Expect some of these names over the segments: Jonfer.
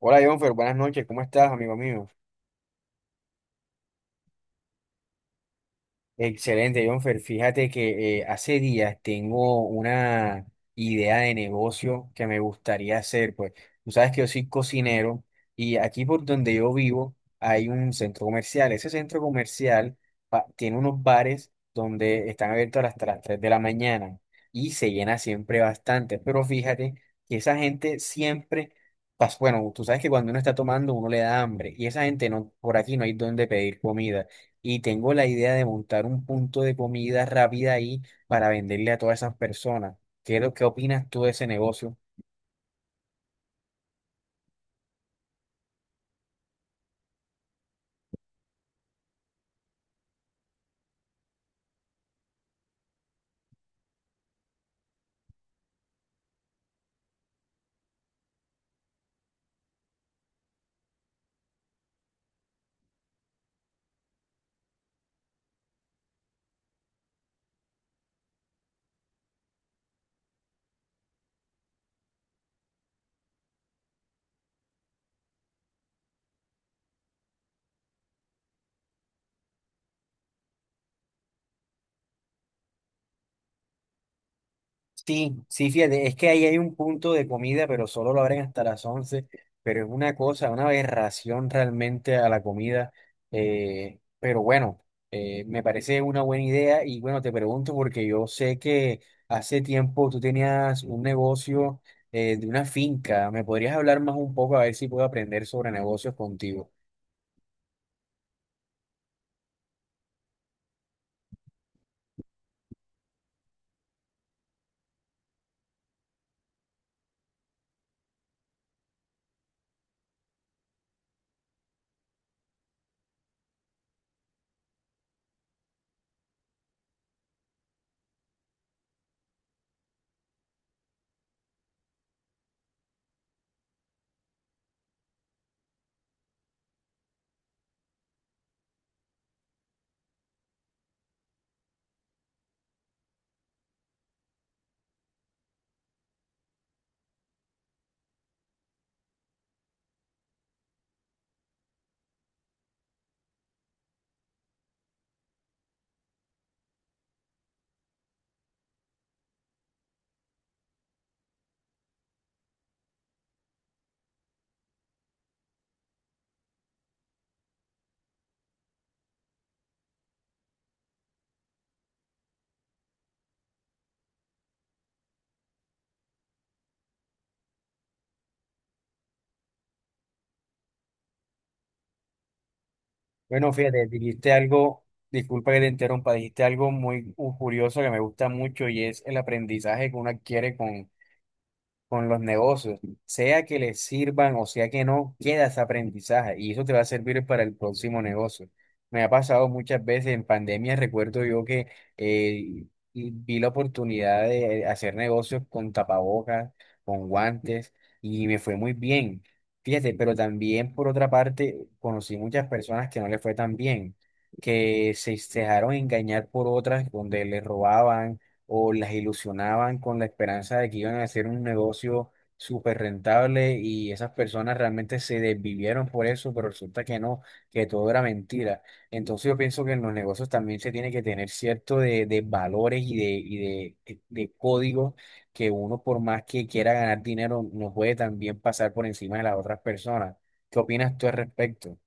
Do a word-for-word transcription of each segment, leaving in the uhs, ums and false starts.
Hola, Jonfer, buenas noches, ¿cómo estás, amigo mío? Excelente, Jonfer. Fíjate que eh, hace días tengo una idea de negocio que me gustaría hacer. Pues tú sabes que yo soy cocinero y aquí por donde yo vivo hay un centro comercial. Ese centro comercial pa- tiene unos bares donde están abiertos hasta las tres de la mañana y se llena siempre bastante. Pero fíjate que esa gente siempre, pas- bueno, tú sabes que cuando uno está tomando uno le da hambre y esa gente no, por aquí no hay donde pedir comida y tengo la idea de montar un punto de comida rápida ahí para venderle a todas esas personas. ¿Qué, es lo- Qué opinas tú de ese negocio? Sí, sí, fíjate, es que ahí hay un punto de comida, pero solo lo abren hasta las once, pero es una cosa, una aberración realmente a la comida. Eh, pero bueno, eh, me parece una buena idea y bueno, te pregunto porque yo sé que hace tiempo tú tenías un negocio eh, de una finca. ¿Me podrías hablar más un poco a ver si puedo aprender sobre negocios contigo? Bueno, fíjate, dijiste algo, disculpa que te interrumpa, dijiste algo muy uh, curioso que me gusta mucho, y es el aprendizaje que uno adquiere con, con los negocios, sea que les sirvan o sea que no, queda ese aprendizaje y eso te va a servir para el próximo negocio. Me ha pasado muchas veces en pandemia, recuerdo yo que eh, y vi la oportunidad de hacer negocios con tapabocas, con guantes, y me fue muy bien. Fíjate, pero también por otra parte conocí muchas personas que no les fue tan bien, que se se dejaron engañar por otras donde les robaban o las ilusionaban con la esperanza de que iban a hacer un negocio súper rentable, y esas personas realmente se desvivieron por eso, pero resulta que no, que todo era mentira. Entonces yo pienso que en los negocios también se tiene que tener cierto de, de valores y de, y de, de códigos que uno, por más que quiera ganar dinero, no puede también pasar por encima de las otras personas. ¿Qué opinas tú al respecto?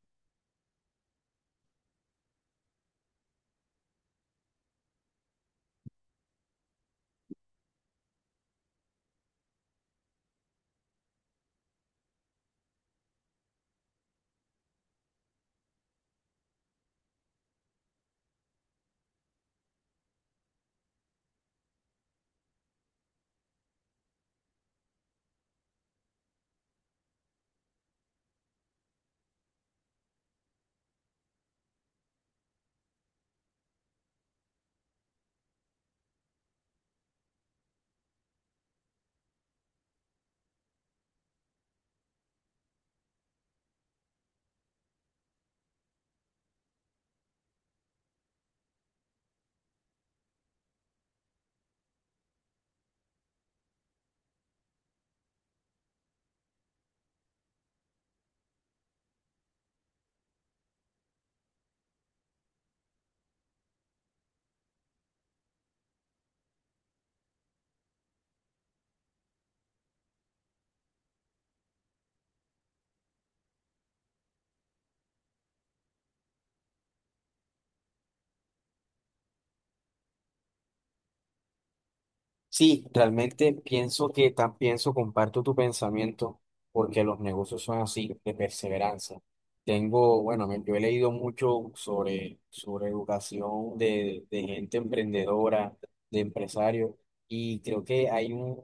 Sí, realmente pienso que tan pienso, comparto tu pensamiento, porque los negocios son así, de perseverancia. Tengo, bueno, me- yo he leído mucho sobre, sobre educación de, de gente emprendedora, de empresarios, y creo que hay un,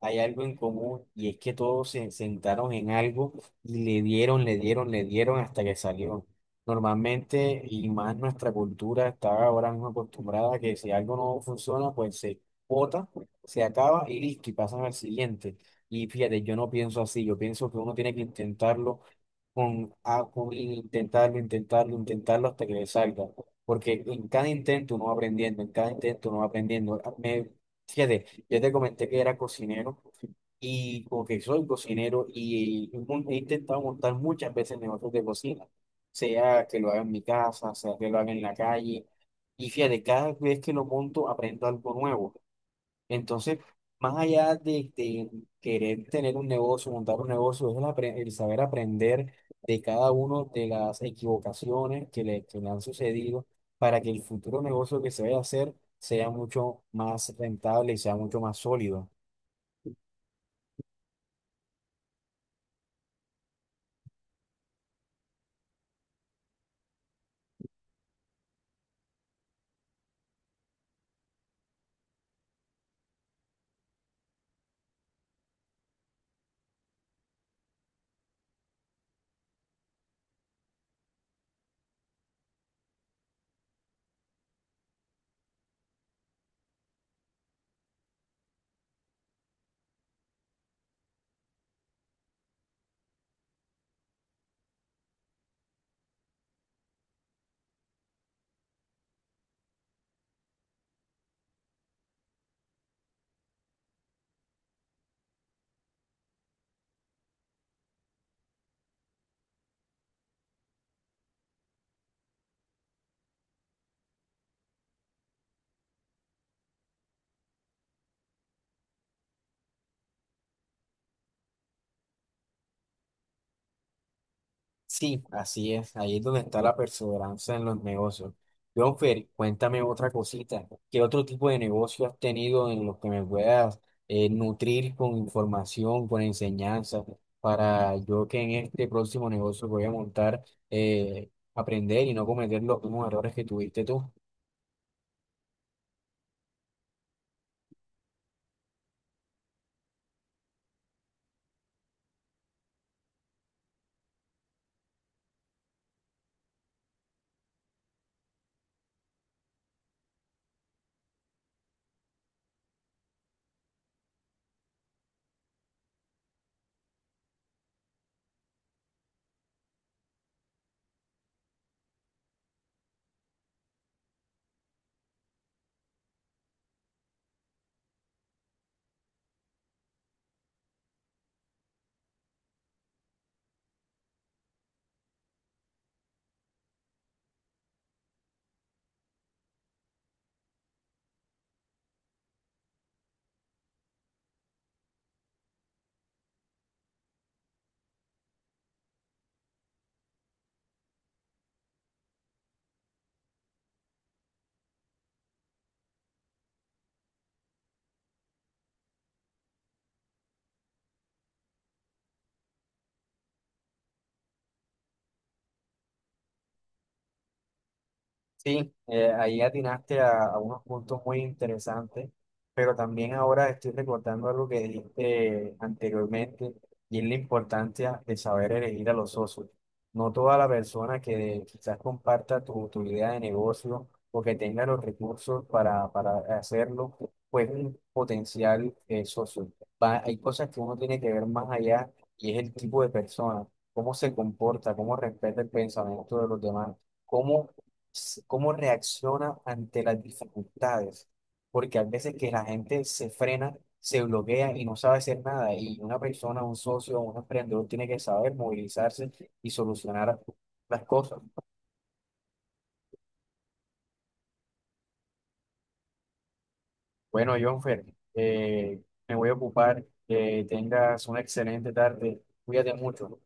hay algo en común, y es que todos se sentaron en algo y le dieron, le dieron, le dieron hasta que salió. Normalmente, y más nuestra cultura está ahora mismo acostumbrada a que si algo no funciona, pues se bota, se acaba y listo, y pasas al siguiente. Y fíjate, yo no pienso así, yo pienso que uno tiene que intentarlo con, a- con- intentarlo, intentarlo, intentarlo hasta que le salga. Porque en cada intento uno va aprendiendo, en cada intento uno va aprendiendo. Ah, Me, fíjate, yo te comenté que era cocinero, y porque soy cocinero y mon- he intentado montar muchas veces negocios de cocina, sea que lo haga en mi casa, sea que lo haga en la calle. Y fíjate, cada vez que lo monto aprendo algo nuevo. Entonces, más allá de, de querer tener un negocio, montar un negocio, es el, apre- el saber aprender de cada uno de las equivocaciones que le, que le han sucedido, para que el futuro negocio que se vaya a hacer sea mucho más rentable y sea mucho más sólido. Sí, así es. Ahí es donde está la perseverancia en los negocios. Jonfer, cuéntame otra cosita. ¿Qué otro tipo de negocio has tenido en los que me puedas eh, nutrir con información, con enseñanza, para yo que en este próximo negocio que voy a montar, eh, aprender y no cometer los mismos errores que tuviste tú? Sí, eh, ahí atinaste a, a unos puntos muy interesantes, pero también ahora estoy recordando algo que dijiste anteriormente, y es la importancia de saber elegir a los socios. No toda la persona que quizás comparta tu, tu idea de negocio, o que tenga los recursos para, para hacerlo, pues es un potencial eh, socio. Va- hay cosas que uno tiene que ver más allá, y es el tipo de persona, cómo se comporta, cómo respeta el pensamiento de los demás, cómo s- cómo reacciona ante las dificultades, porque a veces que la gente se frena, se bloquea y no sabe hacer nada, y una persona, un socio, un emprendedor tiene que saber movilizarse y solucionar las cosas. Bueno, Jonfer, eh, me voy a ocupar, que tengas una excelente tarde, cuídate mucho.